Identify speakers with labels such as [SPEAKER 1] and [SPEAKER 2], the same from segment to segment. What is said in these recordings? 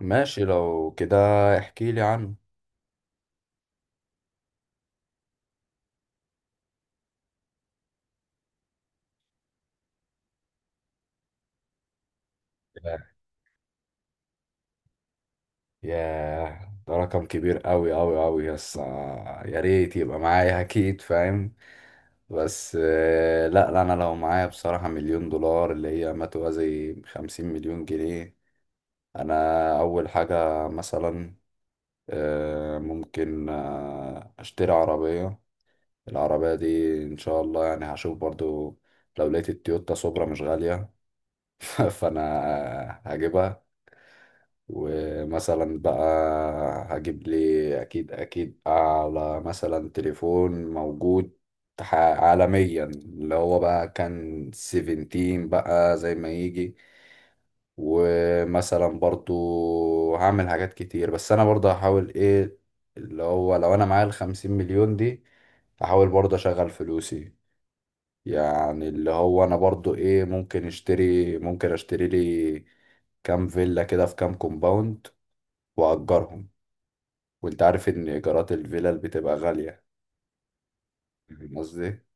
[SPEAKER 1] ماشي لو كده. احكي لي عنه. ياه، ياه، ده رقم كبير قوي قوي قوي. يس يا ريت يبقى معايا اكيد، فاهم؟ بس لا، لا، انا لو معايا بصراحة مليون دولار اللي هي ما توازي خمسين مليون جنيه، انا اول حاجة مثلا ممكن اشتري عربية. العربية دي ان شاء الله يعني هشوف برضو، لو لقيت التويوتا سوبرا مش غالية فانا هجيبها. ومثلا بقى هجيب لي اكيد اكيد على مثلا تليفون موجود عالميا، اللي هو بقى كان 17 بقى زي ما يجي. ومثلا برضو هعمل حاجات كتير، بس انا برضو هحاول ايه، اللي هو لو انا معايا الخمسين مليون دي هحاول برضو اشغل فلوسي. يعني اللي هو انا برضو ايه، ممكن اشتري، ممكن اشتري لي كام فيلا كده في كام كومباوند واجرهم. وانت عارف ان ايجارات الفيلل بتبقى غاليه. فاهم قصدي إيه؟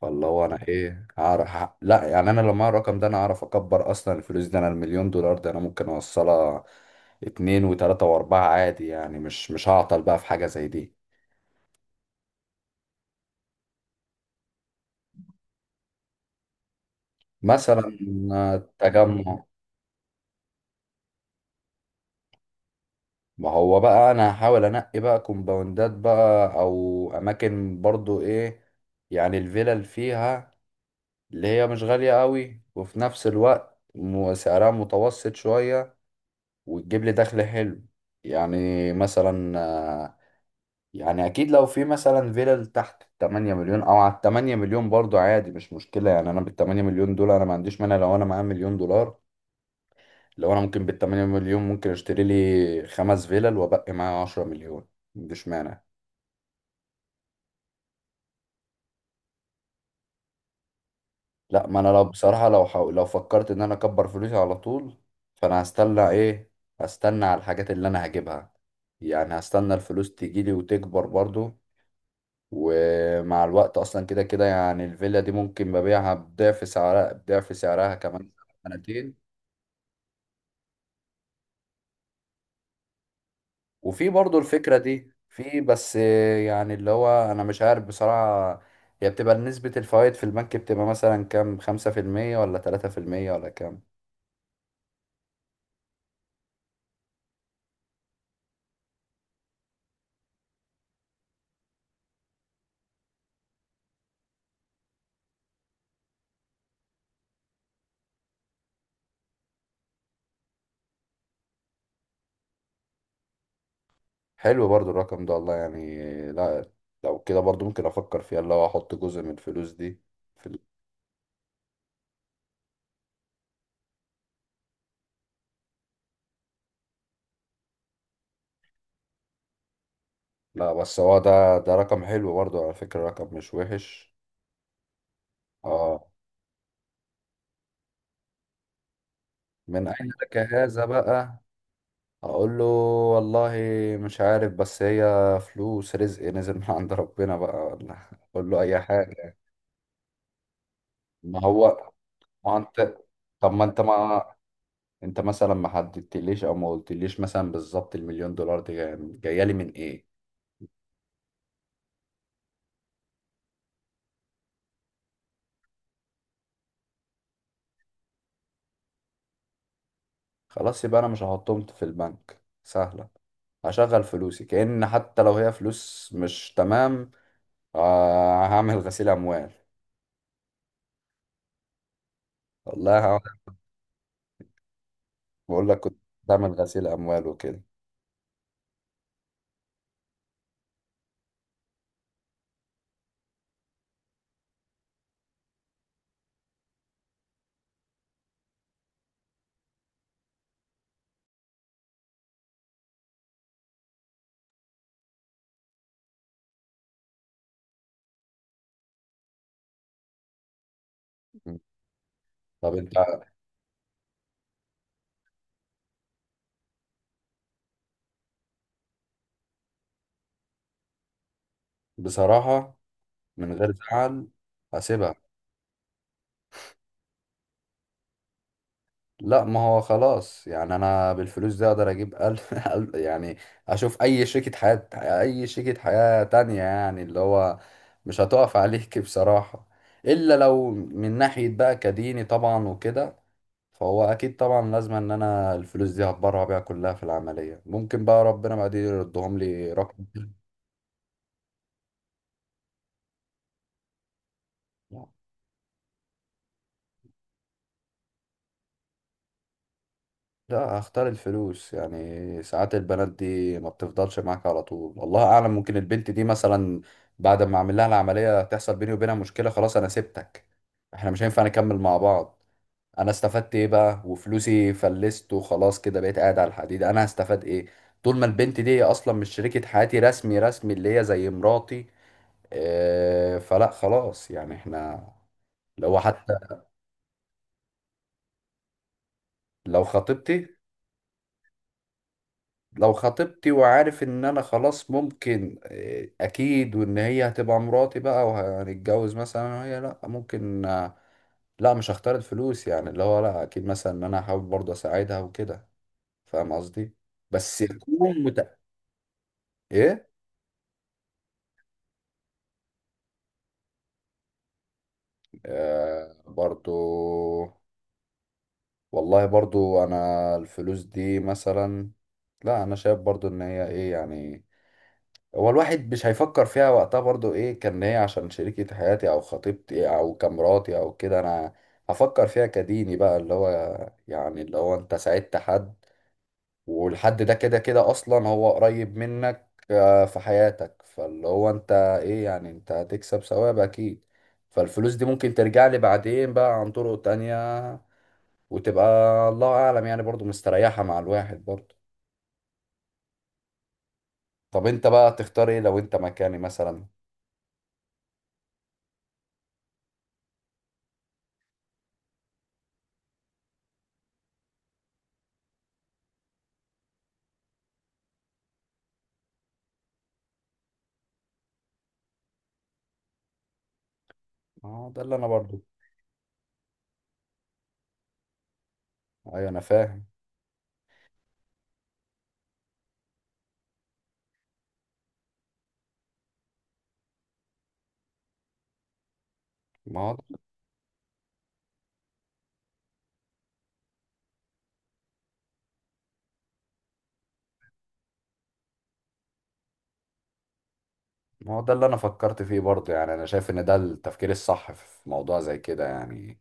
[SPEAKER 1] فاللي هو انا ايه هعرف لا، يعني انا لو معايا الرقم ده انا هعرف اكبر اصلا الفلوس دي، انا المليون دولار ده انا ممكن اوصلها اتنين وتلاته واربعه عادي. يعني مش هعطل بقى في حاجه زي دي. مثلا تجمع. ما هو بقى انا هحاول انقي بقى كومباوندات بقى او اماكن برضو ايه، يعني الفيلل فيها اللي هي مش غاليه قوي وفي نفس الوقت سعرها متوسط شويه وتجيب لي دخل حلو. يعني مثلا يعني اكيد لو في مثلا فيلل تحت 8 مليون او على 8 مليون برضو عادي مش مشكلة. يعني انا بال 8 مليون دول انا ما عنديش مانع. لو انا معايا مليون دولار، لو انا ممكن بال 8 مليون ممكن اشتري لي خمس فيلل وابقي معايا 10 مليون، ما عنديش مانع. لا، ما انا لو بصراحة لو حاول، لو فكرت ان انا اكبر فلوسي على طول، فانا هستنى ايه؟ هستنى على الحاجات اللي انا هجيبها. يعني هستنى الفلوس تجيلي وتكبر برضو. ومع الوقت اصلا كده كده يعني الفيلا دي ممكن ببيعها بضعف سعرها، بضعف سعرها كمان سنتين. وفي برضو الفكرة دي، في بس يعني اللي هو انا مش عارف بصراحة، هي بتبقى نسبة الفوائد في البنك بتبقى مثلا كام؟ خمسة في المية ولا تلاتة في المية ولا كام؟ حلو برضو الرقم ده والله يعني. لا، لو كده برضو ممكن افكر فيها، اللي هو احط جزء من الفلوس دي في لا، بس هو ده رقم حلو برضو على فكرة، رقم مش وحش. اه. من أين لك هذا بقى؟ اقول له والله مش عارف، بس هي فلوس رزق نزل من عند ربنا بقى، ولا اقول له اي حاجه. ما هو ما انت طب ما انت ما انت مثلا ما حددتليش او ما قلتليش مثلا بالظبط المليون دولار دي جاية لي من ايه. خلاص يبقى انا مش هحطهم في البنك، سهله. هشغل فلوسي، كأن حتى لو هي فلوس مش تمام هعمل غسيل اموال. والله هعمل- بقول لك كنت بعمل غسيل اموال وكده. طب انت، بصراحه من غير زعل هسيبها. لا، ما هو خلاص يعني انا بالفلوس دي اقدر اجيب يعني اشوف اي شريكة حياة تانية، يعني اللي هو مش هتقف عليك بصراحة. الا لو من ناحية بقى كديني طبعا وكده، فهو اكيد طبعا لازم ان انا الفلوس دي هتبرع بيها كلها في العملية، ممكن بقى ربنا بعدين يردهم لي رقم. لا، اختار الفلوس. يعني ساعات البنات دي ما بتفضلش معاك على طول والله اعلم. ممكن البنت دي مثلا بعد ما اعمل لها العملية تحصل بيني وبينها مشكلة، خلاص انا سبتك، احنا مش هينفع نكمل مع بعض. انا استفدت ايه بقى؟ وفلوسي فلست وخلاص كده بقيت قاعد على الحديد، انا هستفاد ايه؟ طول ما البنت دي اصلا مش شريكة حياتي رسمي رسمي اللي هي زي مراتي. اه فلا خلاص يعني احنا لو حتى. لو خطيبتي؟ لو خطيبتي وعارف ان انا خلاص ممكن اكيد وان هي هتبقى مراتي بقى وهنتجوز مثلا، أنا وهي، لا ممكن لا، مش هختار الفلوس. يعني اللي هو لا اكيد مثلا ان انا هحاول برضه اساعدها وكده. فاهم قصدي. بس يكون مت... ايه؟ آه برضه. والله برضه انا الفلوس دي مثلا، لا انا شايف برضه ان هي ايه يعني. هو الواحد مش هيفكر فيها وقتها برضو، ايه كان هي عشان شريكة حياتي او خطيبتي او كمراتي او كده. انا هفكر فيها كديني بقى، اللي هو يعني اللي هو انت ساعدت حد، والحد ده كده كده اصلا هو قريب منك في حياتك. فاللي هو انت ايه يعني، انت هتكسب ثواب اكيد. فالفلوس دي ممكن ترجع لي بعدين بقى عن طرق تانية وتبقى الله اعلم يعني، برضو مستريحة مع الواحد برضو. طب انت بقى تختار ايه لو انت مكاني مثلا؟ اه، ده اللي انا برضو. ايوه، انا فاهم. ما هو ما هو ده اللي انا فكرت فيه برضه، يعني انا شايف ان ده التفكير الصح في موضوع زي كده يعني.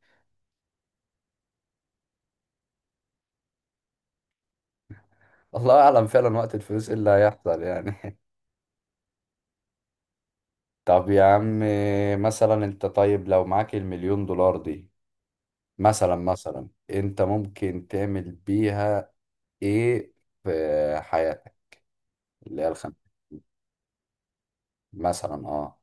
[SPEAKER 1] الله اعلم فعلا وقت الفلوس ايه اللي هيحصل يعني. طب يا عم، مثلا انت، طيب لو معاك المليون دولار دي مثلا، مثلا انت ممكن تعمل بيها ايه في حياتك اللي هي الخم؟ مثلا اه.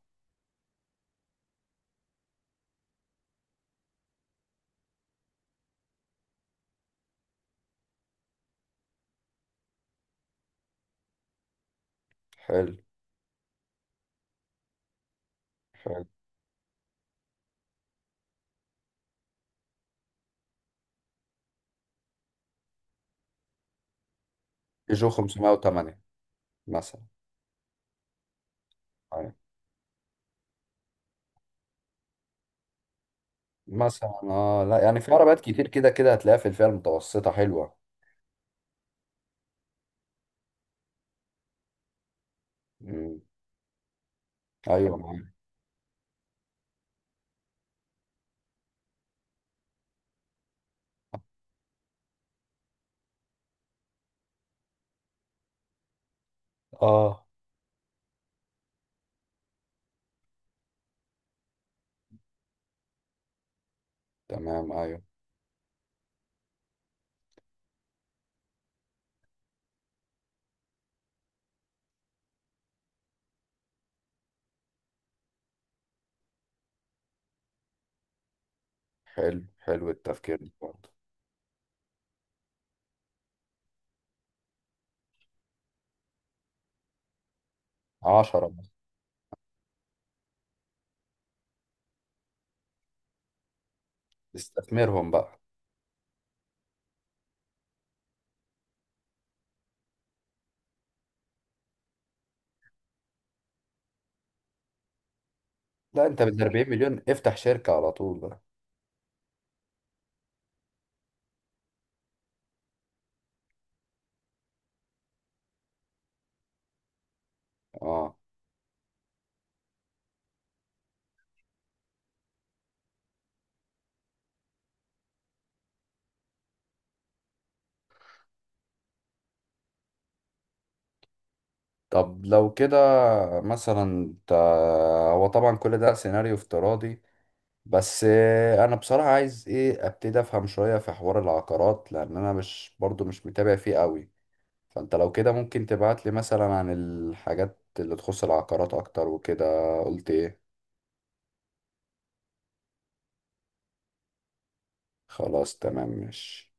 [SPEAKER 1] حلو، حلو. جو 508 مثلا. أيوة. مثلا اه، لا يعني في عربيات كتير كده كده هتلاقيها في الفئة المتوسطة حلوة. ايوه، معاك. اه، تمام، ايوه. حلو، حلو، التفكير ده برضه. 10. استثمرهم بقى. لا، انت بال 40 مليون افتح شركة على طول بقى. اه. طب لو كده مثلا انت، هو طبعا كل ده سيناريو افتراضي، بس انا بصراحة عايز ايه ابتدي افهم شوية في حوار العقارات، لان انا مش برضو مش متابع فيه قوي. فانت لو كده ممكن تبعت لي مثلا عن الحاجات اللي تخص العقارات اكتر وكده. قلت ايه؟ خلاص، تمام، ماشي.